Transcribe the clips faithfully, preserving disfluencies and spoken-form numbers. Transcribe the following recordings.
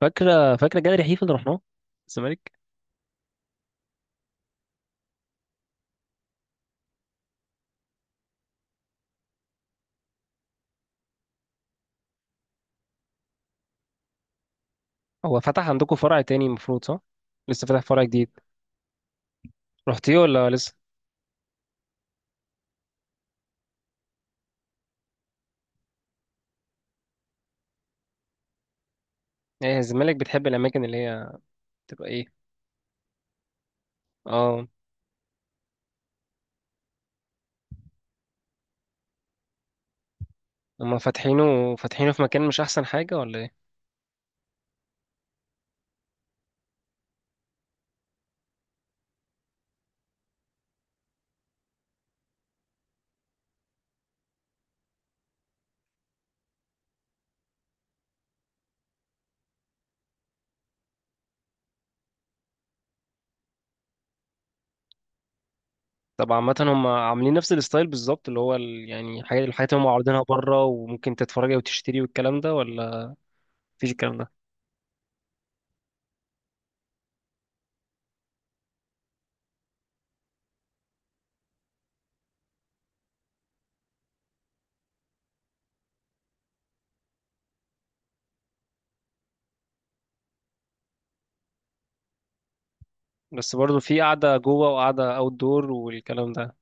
فاكرة فاكرة جاليري حيفا اللي رحناه، الزمالك. هو فتح عندكم فرع تاني المفروض، صح؟ لسه فتح فرع جديد؟ رحتيه ولا لسه؟ ايه الزمالك؟ بتحب الاماكن اللي هي تبقى ايه؟ اه، هما فاتحينه فاتحينه في مكان، مش احسن حاجة ولا ايه؟ طب عامة هما عاملين نفس الستايل بالظبط اللي هو ال... يعني الحاجات الحاجات اللي هما عارضينها بره وممكن تتفرجي وتشتري والكلام ده، ولا مفيش الكلام ده؟ بس برضه في قعدة جوه وقعدة اوت دور والكلام ده.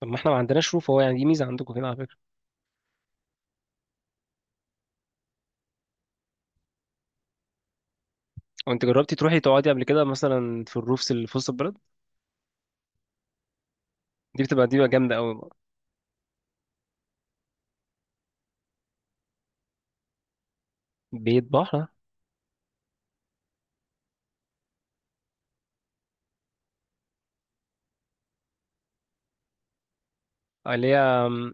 طب ما احنا ما عندناش روف، هو يعني دي ميزة عندكم كده على فكرة. وانت جربتي تروحي تقعدي قبل كده مثلا في الروفس اللي في وسط البلد؟ دي بتبقى دي بقى جامده قوي بقى. بيت بحر؟ آه، اللي هي م،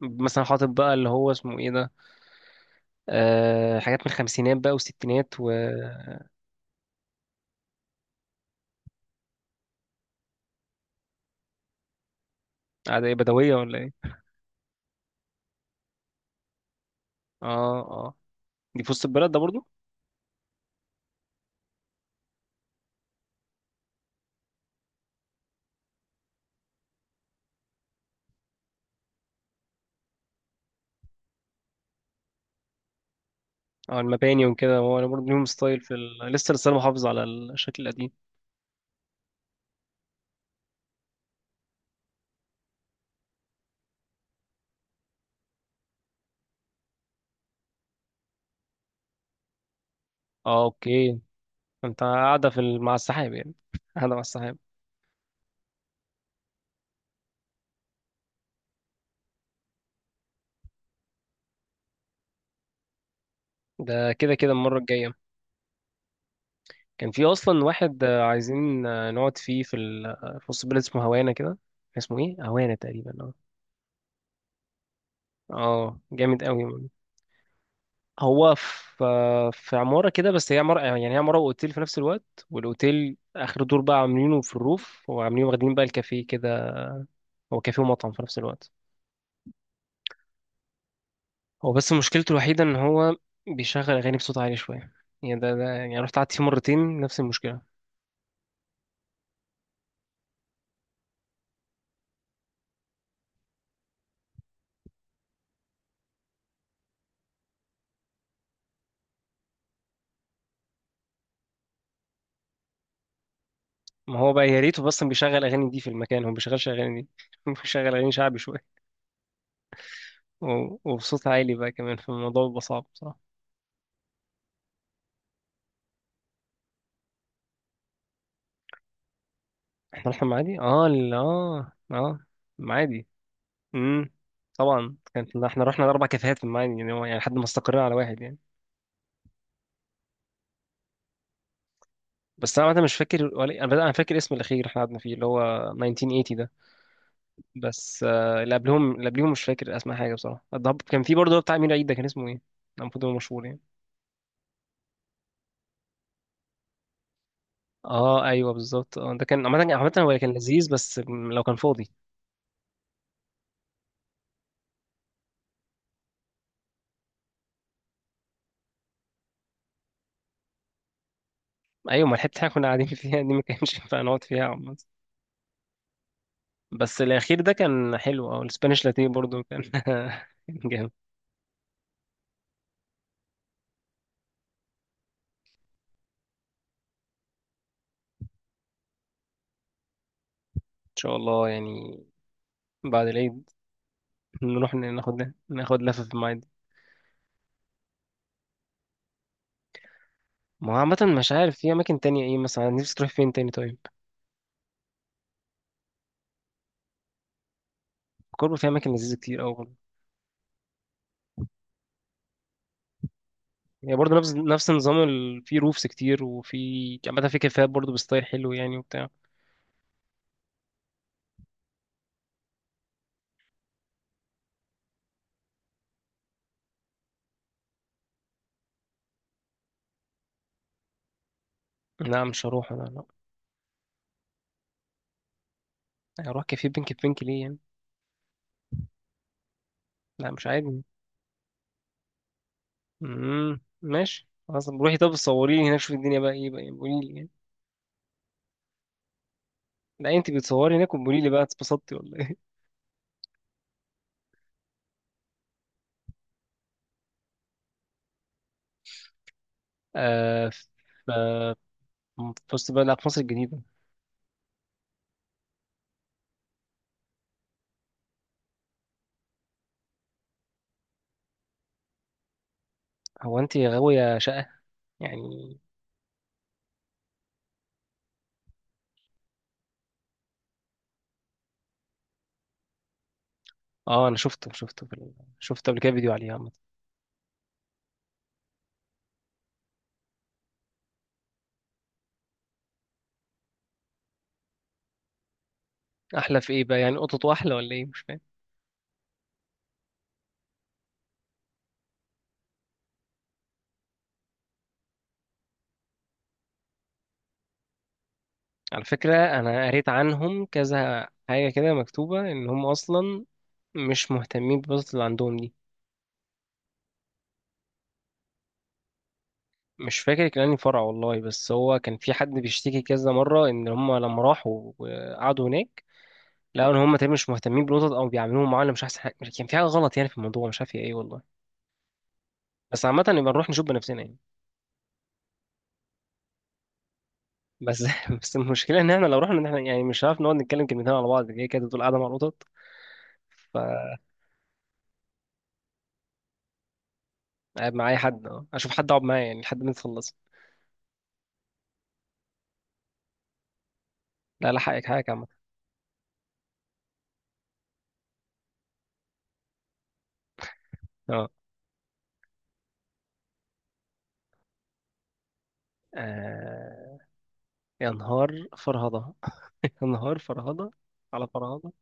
مثلا حاطط بقى اللي هو اسمه ايه ده، أه حاجات من الخمسينات بقى والستينات وقعدة. ايه، بدويه ولا ايه؟ اه اه. دي في وسط البلد ده برضو؟ اه، المباني وكده هو برضو ليهم ستايل في ال... لسه لسه محافظ على الشكل القديم. اه، اوكي. انت قاعده في ال... مع السحاب يعني. قاعده مع السحاب. ده كده كده المره الجايه. كان في اصلا واحد آه، عايزين آه، نقعد فيه في ال- آه، في وسط البلد اسمه هوانا كده. اسمه ايه، هوانا تقريبا، اه. اه جامد قوي. هو في آه، في عماره كده، بس هي عماره يعني، هي عماره واوتيل في نفس الوقت، والاوتيل اخر دور بقى عاملينه في الروف وعاملين واخدين بقى الكافيه كده. هو كافيه ومطعم في نفس الوقت. هو بس مشكلته الوحيده ان هو بيشغل اغاني بصوت عالي شويه. يعني ده, ده يعني رحت قعدت فيه مرتين نفس المشكله. ما هو بقى يا ريته بس بيشغل اغاني دي في المكان، هو ما بيشغلش اغاني دي. بيشغل اغاني شعبي شويه. و- وبصوت عالي بقى كمان، فالموضوع بيبقى صعب بصراحة. مرحب معادي، اه، لا اه اه، معادي. امم. طبعا كانت احنا رحنا اربع كافيهات في المعادي يعني، هو يعني لحد ما استقرينا على واحد يعني. بس انا عامة مش فاكر ولا إيه، انا انا فاكر اسم الاخير اللي احنا قعدنا فيه اللي هو ألف وتسعمية وتمانين ده. بس آه اللي قبلهم اللي قبليهم مش فاكر اسماء حاجة بصراحة. الضب كان في برضه بتاع امير عيد، ده كان اسمه ايه؟ ده المفروض هو مشهور يعني. اه ايوه بالظبط، اه ده كان عامة، عامة هو كان لذيذ بس لو كان فاضي. ايوه، ما لحقت حاجة، كنا قاعدين فيها دي ما كانش ينفع نقعد فيها عامة. بس الأخير ده كان حلو، أو الاسبانيش لاتيه برضو كان جامد. إن شاء الله يعني بعد العيد نروح ناخد ناخد لفة في المعادي. ما هو عامة مش عارف، في أماكن تانية إيه مثلا نفسي تروح فين تاني طيب؟ كوربو فيها أماكن لذيذة كتير أوي برضه. يعني برضه نفس نفس النظام ال... في روفس كتير وفي عامة في كافيهات برضه بستايل حلو يعني وبتاع. لا مش هروح أنا، لا. هروح كافيه بينك بينك ليه يعني؟ لا مش عادي. امم ماشي خلاص روحي، طب صوريني هناك، شوفي الدنيا بقى إيه بقى يعني، قوليلي يعني. لا انت بتصوري هناك وبقولي لي بقى اتبسطتي ولا ايه. آه. في وسط بقى، لا، في مصر الجديدة. هو انت غاوية شقة يعني. اه انا شفته شفته في ال... شفته قبل كده فيديو عليه عامة. احلى في ايه بقى يعني، قطط احلى ولا ايه مش فاهم. على فكرة، انا قريت عنهم كذا حاجة كده مكتوبة ان هم اصلا مش مهتمين بالقطط اللي عندهم دي. مش فاكر كان انهي فرع والله، بس هو كان في حد بيشتكي كذا مرة ان هم لما راحوا وقعدوا هناك، لا ان هم تقريبا مش مهتمين بالقطط او بيعاملوهم معامله مش احسن حاجه، مش- كان في حاجه غلط يعني في الموضوع، مش عارف هي ايه والله. بس عامه يبقى نروح نشوف بنفسنا يعني. بس بس المشكله ان احنا لو رحنا ان احنا يعني مش هنعرف نقعد نتكلم كلمتين على بعض، هي كده تقول قاعده مع القطط. فقاعد مع اي حد، اه اشوف حد اقعد معاه يعني لحد ما تخلص. لا لا، حقك حقك عامه. اه. آه، يا نهار فرهضه. يا نهار فرهضه، على فرهضه.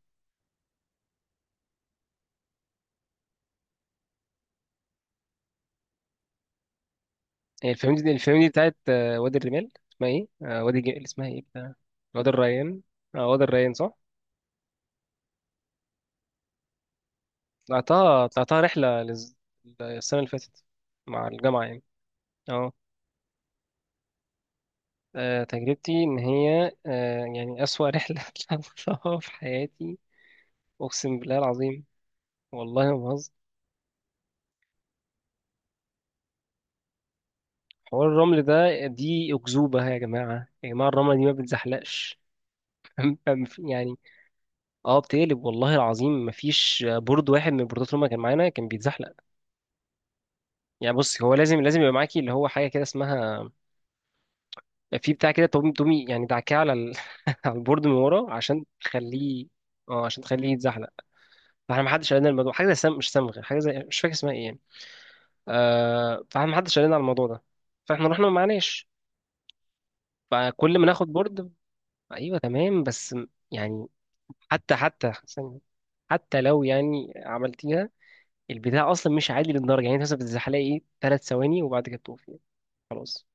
هي الفيلم دي الفيلم دي بتاعت آه، وادي الرمال اسمها ايه، آه، وادي الج- اسمها ايه بتاع. وادي الريان. اه وادي الريان صح. طلعتها طلعتها رحلة لز- السنة اللي فاتت مع الجامعة يعني. اه. آه، تجربتي إن هي آه، يعني أسوأ رحلة طلعتها في حياتي. أقسم بالله العظيم. والله ما بهزر. حوار الرمل ده دي أكذوبة يا جماعة، يا جماعة الرملة دي ما بتزحلقش. يعني. اه بتقلب والله العظيم، مفيش بورد واحد من البوردات اللي هما كان معانا كان بيتزحلق. يعني بص هو لازم لازم يبقى معاكي اللي هو حاجة كده اسمها، في بتاع كده تومي تومي يعني دعكاه على ال... على البورد من ورا عشان تخليه. اه عشان تخليه يتزحلق. فاحنا ما حدش قال لنا الموضوع حاجه زي سم... مش صمغ، حاجه زي مش فاكر اسمها ايه يعني. آه... فاحنا ما حدش قال لنا على الموضوع ده. فاحنا رحنا ما معناش. فكل ما ناخد بورد، ايوه تمام. بس م- يعني حتى حتى ثانية. حتى لو يعني عملتيها، البتاع اصلا مش عادي للدرجه. يعني انت مثلا بتزحلقي ايه ثلاث ثواني وبعد كده بتقفي خلاص.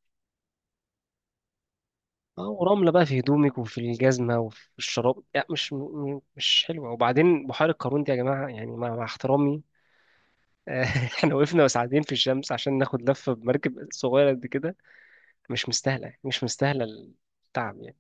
اه ورملة بقى في هدومك وفي الجزمة وفي الشراب يعني، مش م- مش حلوة. وبعدين بحيرة قارون دي يا جماعة يعني، مع, مع احترامي احنا وقفنا ساعتين في الشمس عشان ناخد لفة بمركب صغيرة قد كده، مش مستاهلة يعني، مش مستاهلة التعب يعني.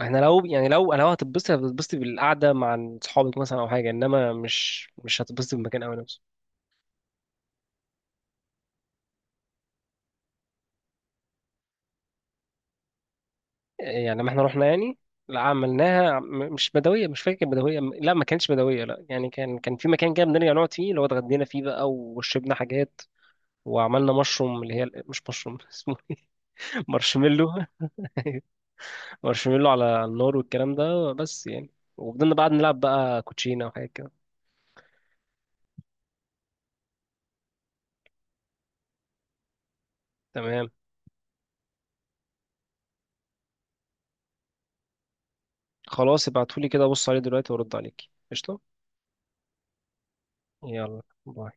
احنا لو يعني لو انا لو هتتبسطي هتتبسطي بالقعدة مع صحابك مثلا او حاجة، انما مش مش هتتبسطي بالمكان قوي. يعني ما احنا رحنا يعني، لا عملناها، م- مش بدوية، مش فاكر بدوية، لا ما كانتش بدوية لا يعني، كان كان في مكان كده بنرجع نقعد فيه اللي هو اتغدينا فيه بقى وشربنا حاجات. وعملنا مشروم، اللي هي مش مشروم اسمه إيه؟ مارشميلو. مارشميلو على النار والكلام ده بس يعني. وفضلنا بعد نلعب بقى كوتشينة وحاجات كده. تمام. خلاص ابعتولي كده بص عليه دلوقتي وارد عليك. قشطة. يلا باي.